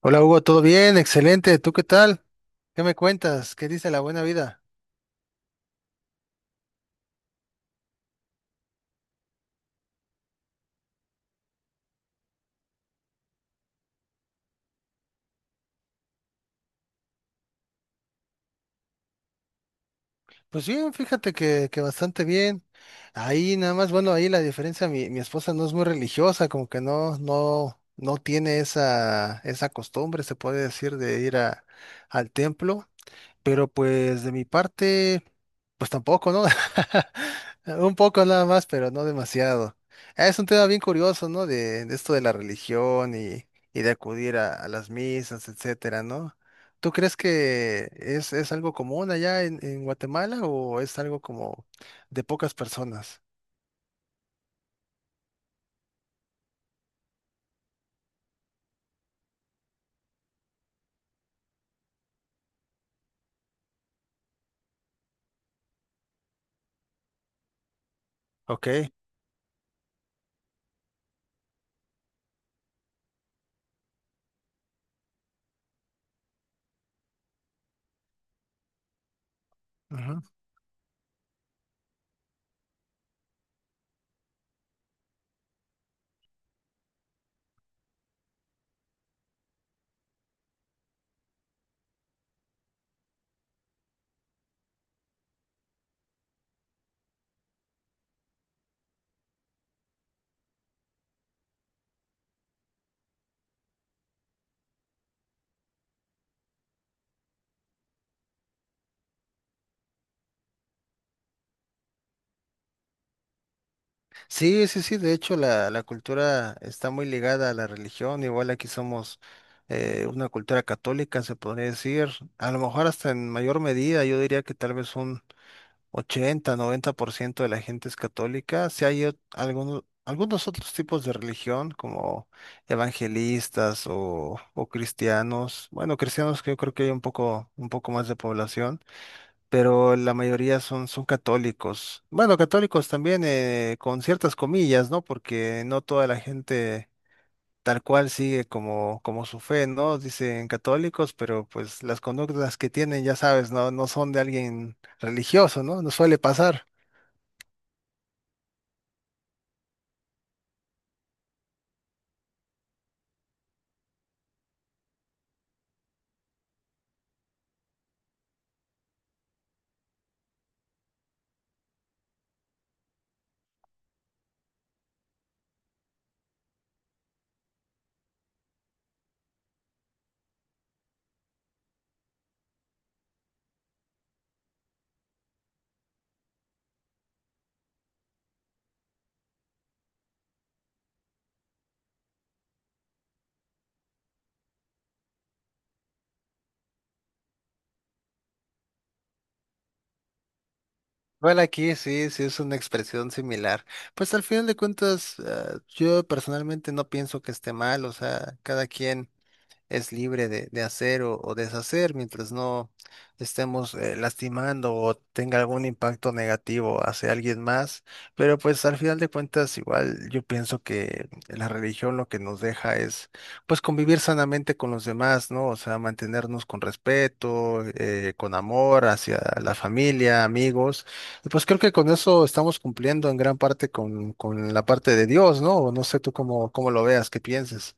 Hola Hugo, ¿todo bien? Excelente. ¿Tú qué tal? ¿Qué me cuentas? ¿Qué dice la buena vida? Pues bien, fíjate que bastante bien. Ahí nada más, bueno, ahí la diferencia, mi esposa no es muy religiosa, como que no tiene esa, esa costumbre, se puede decir, de ir a, al templo. Pero pues de mi parte, pues tampoco, ¿no? Un poco nada más, pero no demasiado. Es un tema bien curioso, ¿no? De esto de la religión y de acudir a las misas, etcétera, ¿no? ¿Tú crees que es algo común allá en Guatemala o es algo como de pocas personas? Ok. Sí, sí, sí, de hecho la, la cultura está muy ligada a la religión, igual aquí somos una cultura católica, se podría decir, a lo mejor hasta en mayor medida, yo diría que tal vez un 80, 90% de la gente es católica, si hay algunos, algunos otros tipos de religión como evangelistas o cristianos, bueno, cristianos que yo creo que hay un poco más de población pero la mayoría son, son católicos. Bueno, católicos también con ciertas comillas, ¿no? Porque no toda la gente tal cual sigue como, como su fe, ¿no? Dicen católicos, pero pues las conductas que tienen, ya sabes, no son de alguien religioso, ¿no? No suele pasar. Bueno, aquí sí, sí es una expresión similar. Pues al final de cuentas, yo personalmente no pienso que esté mal, o sea, cada quien es libre de hacer o deshacer mientras no estemos lastimando o tenga algún impacto negativo hacia alguien más. Pero pues al final de cuentas, igual yo pienso que la religión lo que nos deja es pues convivir sanamente con los demás, ¿no? O sea, mantenernos con respeto, con amor hacia la familia, amigos. Y pues creo que con eso estamos cumpliendo en gran parte con la parte de Dios, ¿no? No sé tú cómo, cómo lo veas, qué pienses.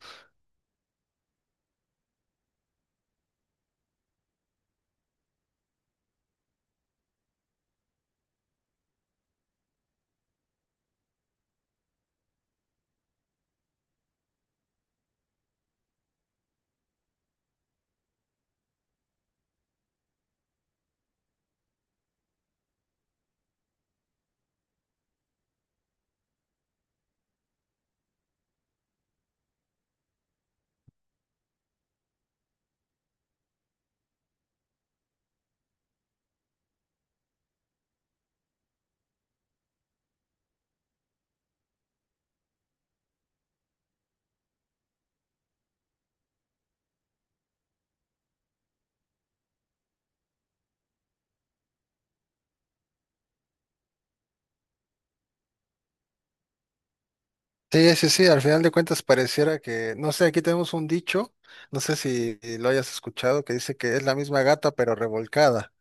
Sí, sí, sí, al final de cuentas pareciera que, no sé, aquí tenemos un dicho, no sé si lo hayas escuchado, que dice que es la misma gata pero revolcada.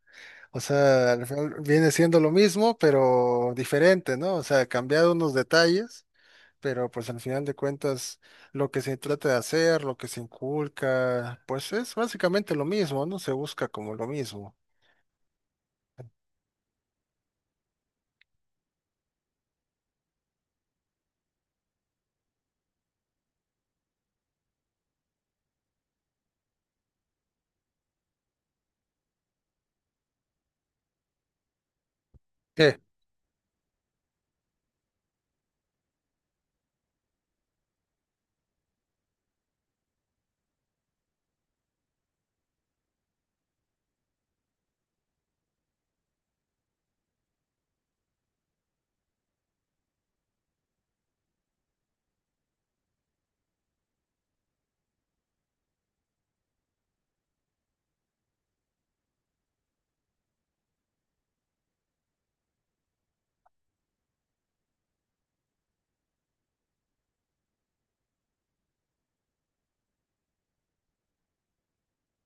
O sea, al final viene siendo lo mismo pero diferente, ¿no? O sea, cambiado unos detalles, pero pues al final de cuentas lo que se trata de hacer, lo que se inculca, pues es básicamente lo mismo, ¿no? Se busca como lo mismo. Sí.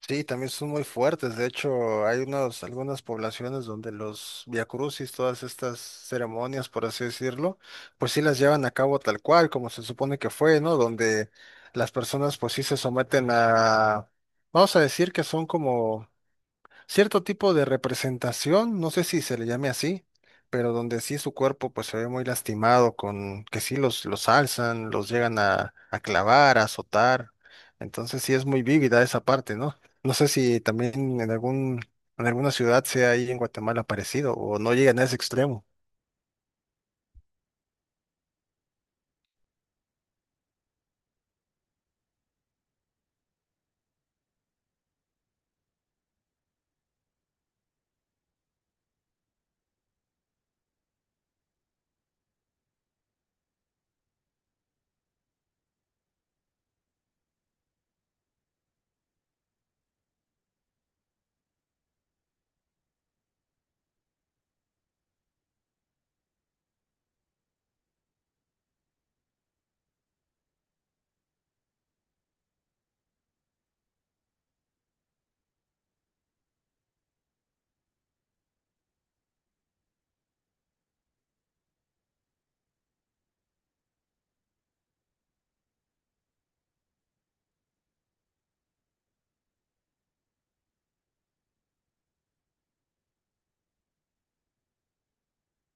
Sí, también son muy fuertes. De hecho, hay unos, algunas poblaciones donde los viacrucis, todas estas ceremonias, por así decirlo, pues sí las llevan a cabo tal cual, como se supone que fue, ¿no? Donde las personas pues sí se someten a, vamos a decir que son como cierto tipo de representación, no sé si se le llame así, pero donde sí su cuerpo pues se ve muy lastimado, con que sí los alzan, los llegan a clavar, a azotar. Entonces sí es muy vívida esa parte, ¿no? No sé si también en algún, en alguna ciudad sea ahí en Guatemala parecido o no llegan a ese extremo.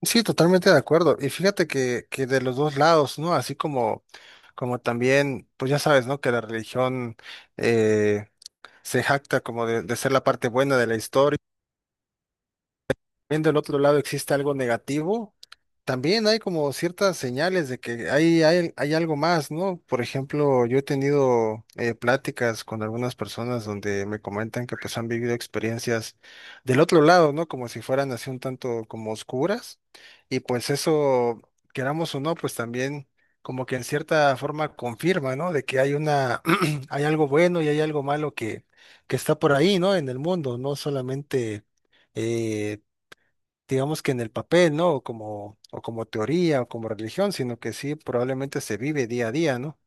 Sí, totalmente de acuerdo. Y fíjate que de los dos lados, ¿no? Así como, como también, pues ya sabes, ¿no? Que la religión eh, se jacta como de ser la parte buena de la historia viendo el otro lado existe algo negativo, también hay como ciertas señales de que hay algo más, ¿no? Por ejemplo, yo he tenido pláticas con algunas personas donde me comentan que pues han vivido experiencias del otro lado, ¿no? Como si fueran así un tanto como oscuras. Y pues eso, queramos o no, pues también como que en cierta forma confirma, ¿no? De que hay una, hay algo bueno y hay algo malo que está por ahí, ¿no? En el mundo, no solamente eh, digamos que en el papel, ¿no? O como teoría o como religión, sino que sí, probablemente se vive día a día, ¿no?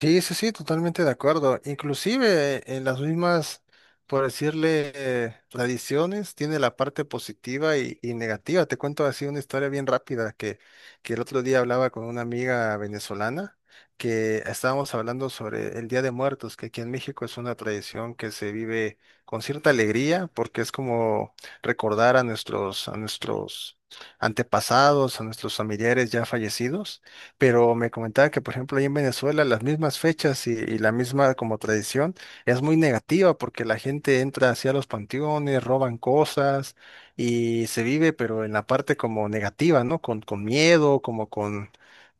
Sí, sí, sí, totalmente de acuerdo. Inclusive en las mismas, por decirle, tradiciones, tiene la parte positiva y negativa. Te cuento así una historia bien rápida que el otro día hablaba con una amiga venezolana que estábamos hablando sobre el Día de Muertos, que aquí en México es una tradición que se vive con cierta alegría porque es como recordar a nuestros antepasados, a nuestros familiares ya fallecidos pero me comentaba que, por ejemplo, ahí en Venezuela las mismas fechas y la misma como tradición es muy negativa porque la gente entra hacia los panteones, roban cosas y se vive, pero en la parte como negativa, ¿no? Con miedo, como con,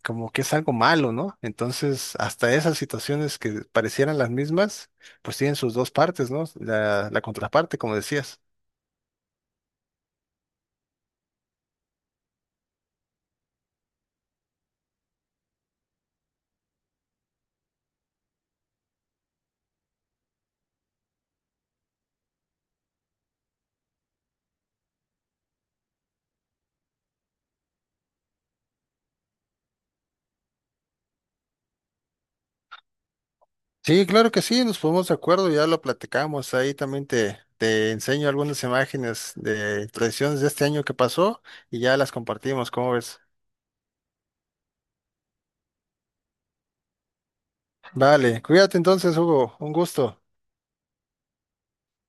como que es algo malo, ¿no? Entonces, hasta esas situaciones que parecieran las mismas, pues tienen sus dos partes, ¿no? La contraparte, como decías. Sí, claro que sí, nos ponemos de acuerdo, ya lo platicamos. Ahí también te enseño algunas imágenes de tradiciones de este año que pasó y ya las compartimos, ¿cómo ves? Vale, cuídate entonces, Hugo, un gusto.